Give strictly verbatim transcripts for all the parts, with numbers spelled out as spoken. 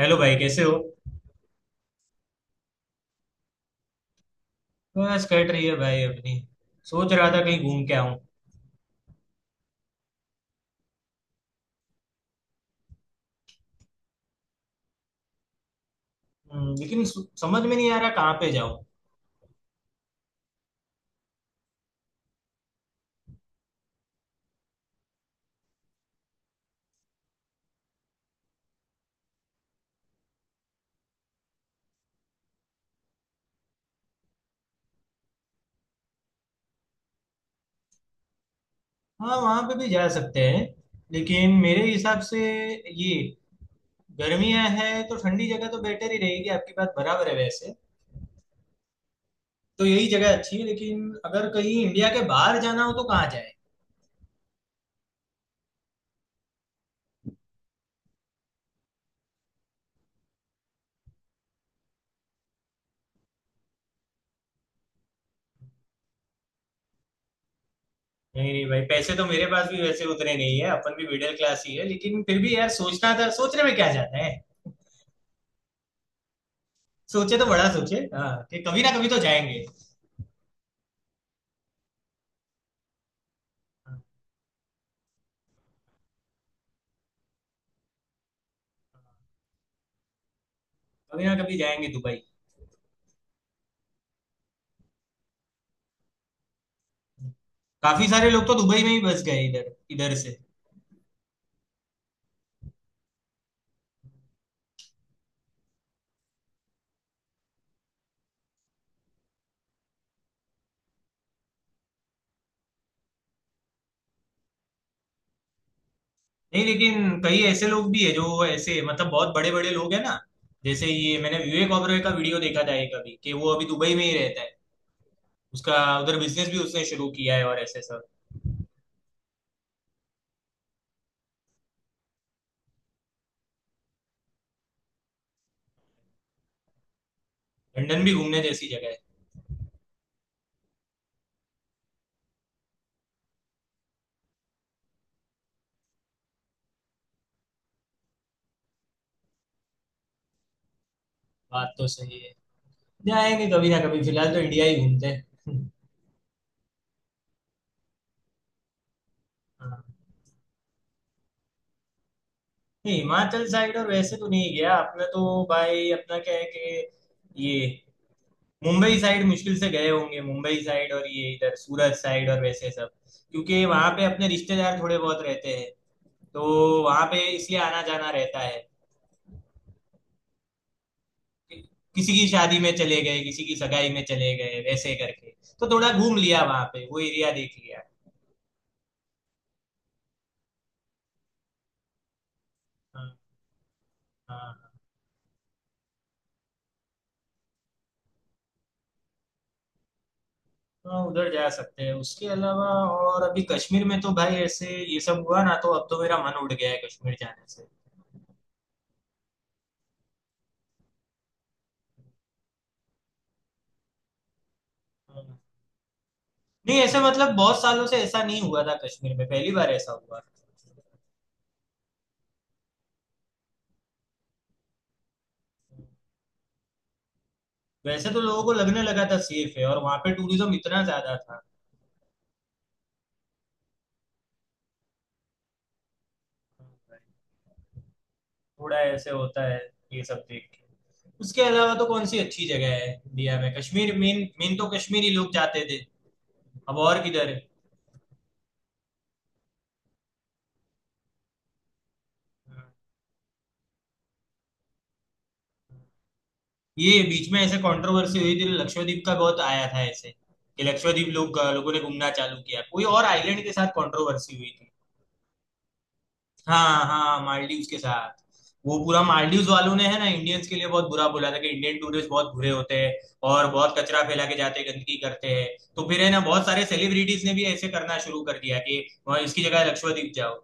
Hello भाई कैसे हो। बस कट रही है भाई अपनी। सोच रहा था कहीं घूम के आऊं। हम्म, लेकिन सु- समझ में नहीं आ रहा कहाँ पे जाऊं। हाँ वहां पे भी जा सकते हैं, लेकिन मेरे हिसाब से ये गर्मियां है तो ठंडी जगह तो बेटर ही रहेगी। आपकी बात बराबर है वैसे, तो यही जगह अच्छी है लेकिन अगर कहीं इंडिया के बाहर जाना हो तो कहाँ जाए। नहीं नहीं भाई, पैसे तो मेरे पास भी वैसे उतने नहीं है, अपन भी मिडिल क्लास ही है, लेकिन फिर भी यार सोचना था, सोचने में क्या जाता है। सोचे तो बड़ा सोचे, हाँ, कि कभी ना कभी तो जाएंगे। कभी ना कभी जाएंगे दुबई। काफी सारे लोग तो दुबई में ही बस गए इधर इधर से। नहीं, लेकिन कई ऐसे लोग भी है जो ऐसे मतलब बहुत बड़े बड़े लोग है ना, जैसे ये मैंने विवेक ओबरॉय का वीडियो देखा था एक अभी कि वो अभी दुबई में ही रहता है। उसका उधर बिजनेस भी उसने शुरू किया है और ऐसे सब। लंदन भी घूमने जैसी जगह है। बात तो सही है, जाएंगे कभी ना कभी, फिलहाल तो इंडिया ही घूमते हैं। हाँ। नहीं हिमाचल साइड और वैसे तो नहीं गया अपना, तो भाई अपना क्या है कि ये मुंबई साइड मुश्किल से गए होंगे, मुंबई साइड और ये इधर सूरत साइड और वैसे सब, क्योंकि वहां पे अपने रिश्तेदार थोड़े बहुत रहते हैं, तो वहां पे इसलिए आना जाना रहता है। कि- किसी की शादी में चले गए, किसी की सगाई में चले गए वैसे करके, तो थोड़ा घूम लिया वहां पे, वो एरिया देख लिया। हाँ। हाँ, हाँ, उधर जा सकते हैं उसके अलावा। और अभी कश्मीर में तो भाई ऐसे ये सब हुआ ना, तो अब तो मेरा मन उड़ गया है कश्मीर जाने से। हाँ। नहीं ऐसा मतलब बहुत सालों से ऐसा नहीं हुआ था कश्मीर में, पहली बार ऐसा हुआ। वैसे तो लोगों को लगने लगा था सेफ है और वहां पे टूरिज्म इतना ज्यादा था। थोड़ा ऐसे होता है ये सब देख के। उसके अलावा तो कौन सी अच्छी जगह है इंडिया में, कश्मीर मेन मेन तो कश्मीर ही लोग जाते थे, अब और किधर है। ये बीच में ऐसे कंट्रोवर्सी हुई थी तो लक्षद्वीप का बहुत आया था ऐसे, कि लक्षद्वीप लोग लोगों ने घूमना चालू किया, कोई और आइलैंड के साथ कंट्रोवर्सी हुई थी। हाँ हाँ, मालदीव्स के साथ। वो पूरा मालदीव्स वालों ने है ना इंडियंस के लिए बहुत बुरा बोला था कि इंडियन टूरिस्ट बहुत बुरे होते हैं और बहुत कचरा फैला के जाते हैं, गंदगी करते हैं। तो फिर है ना बहुत सारे सेलिब्रिटीज ने भी ऐसे करना शुरू कर दिया कि वहाँ इसकी जगह लक्षद्वीप जाओ।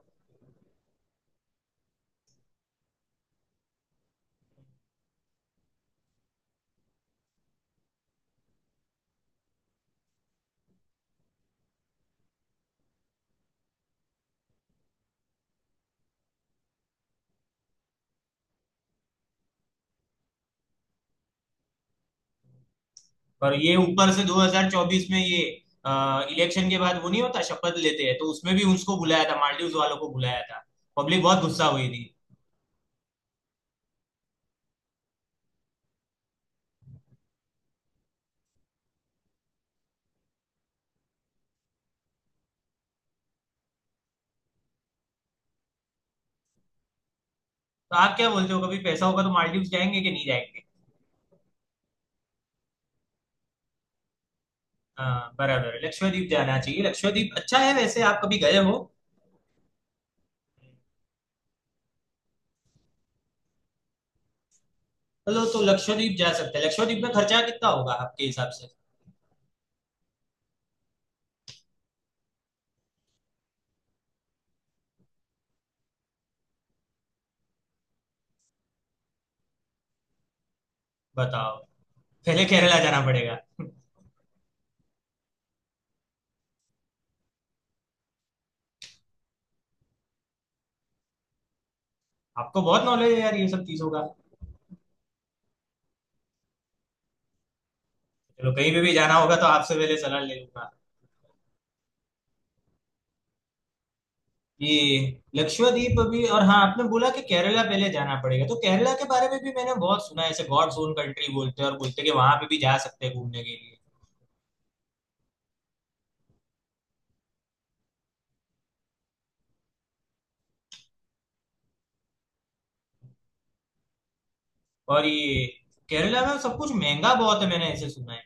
पर ये ऊपर से दो हज़ार चौबीस में ये इलेक्शन के बाद वो नहीं होता शपथ लेते हैं तो उसमें भी उसको बुलाया था, मालदीव्स वालों को बुलाया था, पब्लिक बहुत गुस्सा हुई थी। तो आप क्या बोलते हो, कभी पैसा होगा तो मालदीव्स जाएंगे कि नहीं जाएंगे। हाँ बराबर, लक्षद्वीप जाना चाहिए, लक्षद्वीप अच्छा है वैसे, आप कभी गए हो। चलो तो लक्षद्वीप जा सकते हैं, लक्षद्वीप में खर्चा कितना होगा आपके हिसाब से, बताओ। पहले केरला जाना पड़ेगा। आपको बहुत नॉलेज है यार ये सब चीजों का। चलो कहीं पे भी जाना होगा तो आपसे पहले सलाह ले लूंगा। ये लक्षद्वीप अभी, और हाँ आपने बोला कि केरला पहले जाना पड़ेगा, तो केरला के बारे में भी मैंने बहुत सुना है ऐसे, गॉड्स ओन कंट्री बोलते हैं, और बोलते हैं कि वहां पे भी जा सकते हैं घूमने के लिए। और ये केरला में सब कुछ महंगा बहुत है मैंने ऐसे सुना है।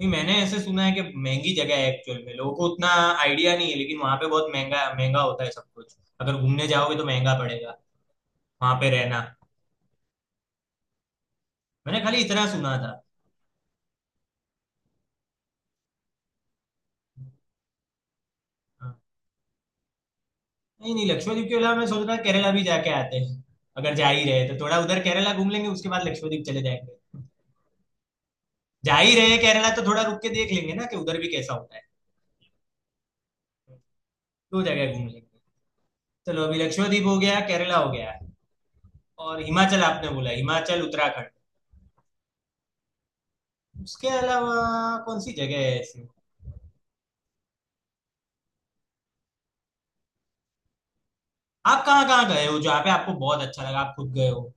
नहीं मैंने ऐसे सुना है कि महंगी जगह है, एक्चुअल में लोगों को उतना आइडिया नहीं है, लेकिन वहां पे बहुत महंगा महंगा होता है सब कुछ, अगर घूमने जाओगे तो महंगा पड़ेगा वहां पे रहना। मैंने खाली इतना सुना था। हाँ। नहीं नहीं, लक्षद्वीप के अलावा मैं सोच रहा था केरला भी जाके आते हैं, अगर जा ही रहे तो थोड़ा उधर केरला घूम लेंगे, उसके बाद लक्षद्वीप चले जाएंगे। जा ही रहे केरला तो थोड़ा रुक के देख लेंगे ना कि उधर भी कैसा होता है, दो जगह घूम लेंगे। चलो, अभी लक्षद्वीप हो गया, केरला हो गया, और हिमाचल आपने बोला, हिमाचल उत्तराखंड। उसके अलावा कौन सी जगह है ऐसी। आप कहाँ कहाँ गए हो जहाँ पे आपको बहुत अच्छा लगा, आप खुद गए हो।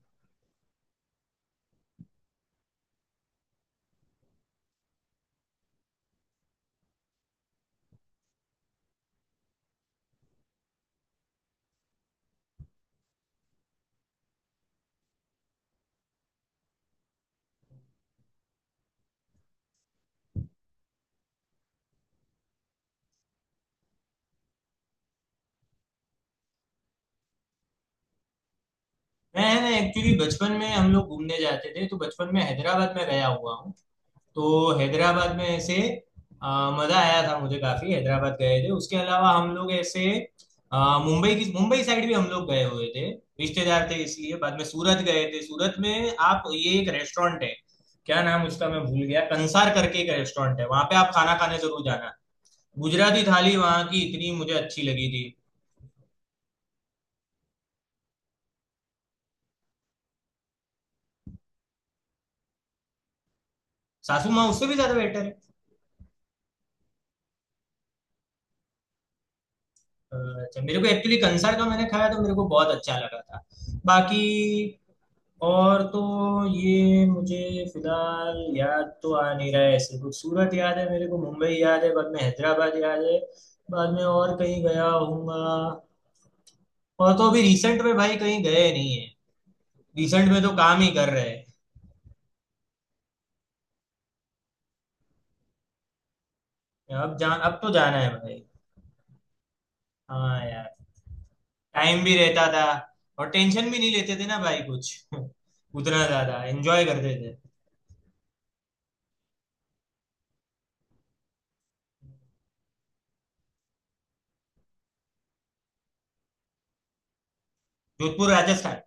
मैं ना एक्चुअली बचपन में हम लोग घूमने जाते थे, तो बचपन में हैदराबाद में गया हुआ हूँ, तो हैदराबाद में ऐसे अ, मजा आया था मुझे काफी, हैदराबाद गए थे। उसके अलावा हम लोग ऐसे अ, मुंबई की, मुंबई साइड भी हम लोग गए हुए थे, रिश्तेदार थे इसलिए। बाद में सूरत गए थे, सूरत में आप, ये एक रेस्टोरेंट है, क्या नाम उसका मैं भूल गया, कंसार करके एक रेस्टोरेंट है, वहां पे आप खाना खाने जरूर जाना, गुजराती थाली वहां की इतनी मुझे अच्छी लगी थी। सासू माँ उससे भी ज्यादा बेटर है? अच्छा, मेरे को एक्चुअली कंसर का मैंने खाया तो मेरे को बहुत अच्छा लगा था। बाकी और तो ये मुझे फिलहाल याद तो आ नहीं रहा है ऐसे कुछ, सूरत याद है मेरे को, मुंबई याद है, बाद में हैदराबाद याद है, बाद में और कहीं गया हूँगा। और तो अभी रिसेंट में भाई कहीं गए नहीं है, रिसेंट में तो काम ही कर रहे हैं। अब जान, अब तो जाना है भाई। हाँ यार, टाइम भी रहता था और टेंशन भी नहीं लेते थे ना भाई कुछ उतना ज्यादा एंजॉय करते थे। जोधपुर राजस्थान?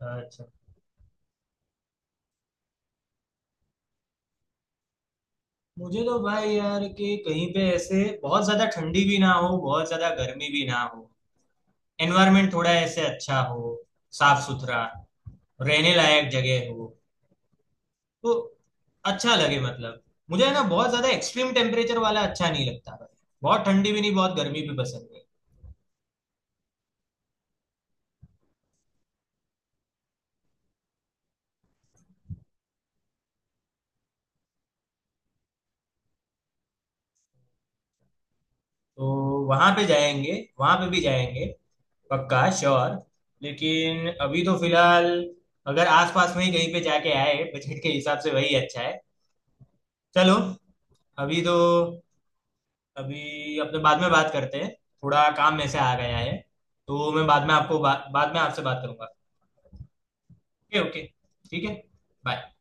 अच्छा। मुझे तो भाई यार कि कहीं पे ऐसे बहुत ज्यादा ठंडी भी ना हो, बहुत ज्यादा गर्मी भी ना हो, एनवायरमेंट थोड़ा ऐसे अच्छा हो, साफ सुथरा, रहने लायक जगह हो, तो अच्छा लगे मतलब। मुझे है ना बहुत ज्यादा एक्सट्रीम टेम्परेचर वाला अच्छा नहीं लगता भाई, बहुत ठंडी भी नहीं, बहुत गर्मी भी पसंद नहीं। तो वहां पे जाएंगे, वहां पे भी जाएंगे, पक्का श्योर, लेकिन अभी तो फिलहाल अगर आसपास में ही कहीं पे जाके आए बजट के हिसाब से वही अच्छा है। चलो, अभी तो, अभी अपने बाद में बात करते हैं, थोड़ा काम में से आ गया है, तो मैं बाद में आपको बा, बाद में आपसे बात करूंगा। ओके ओके, ठीक है, बाय।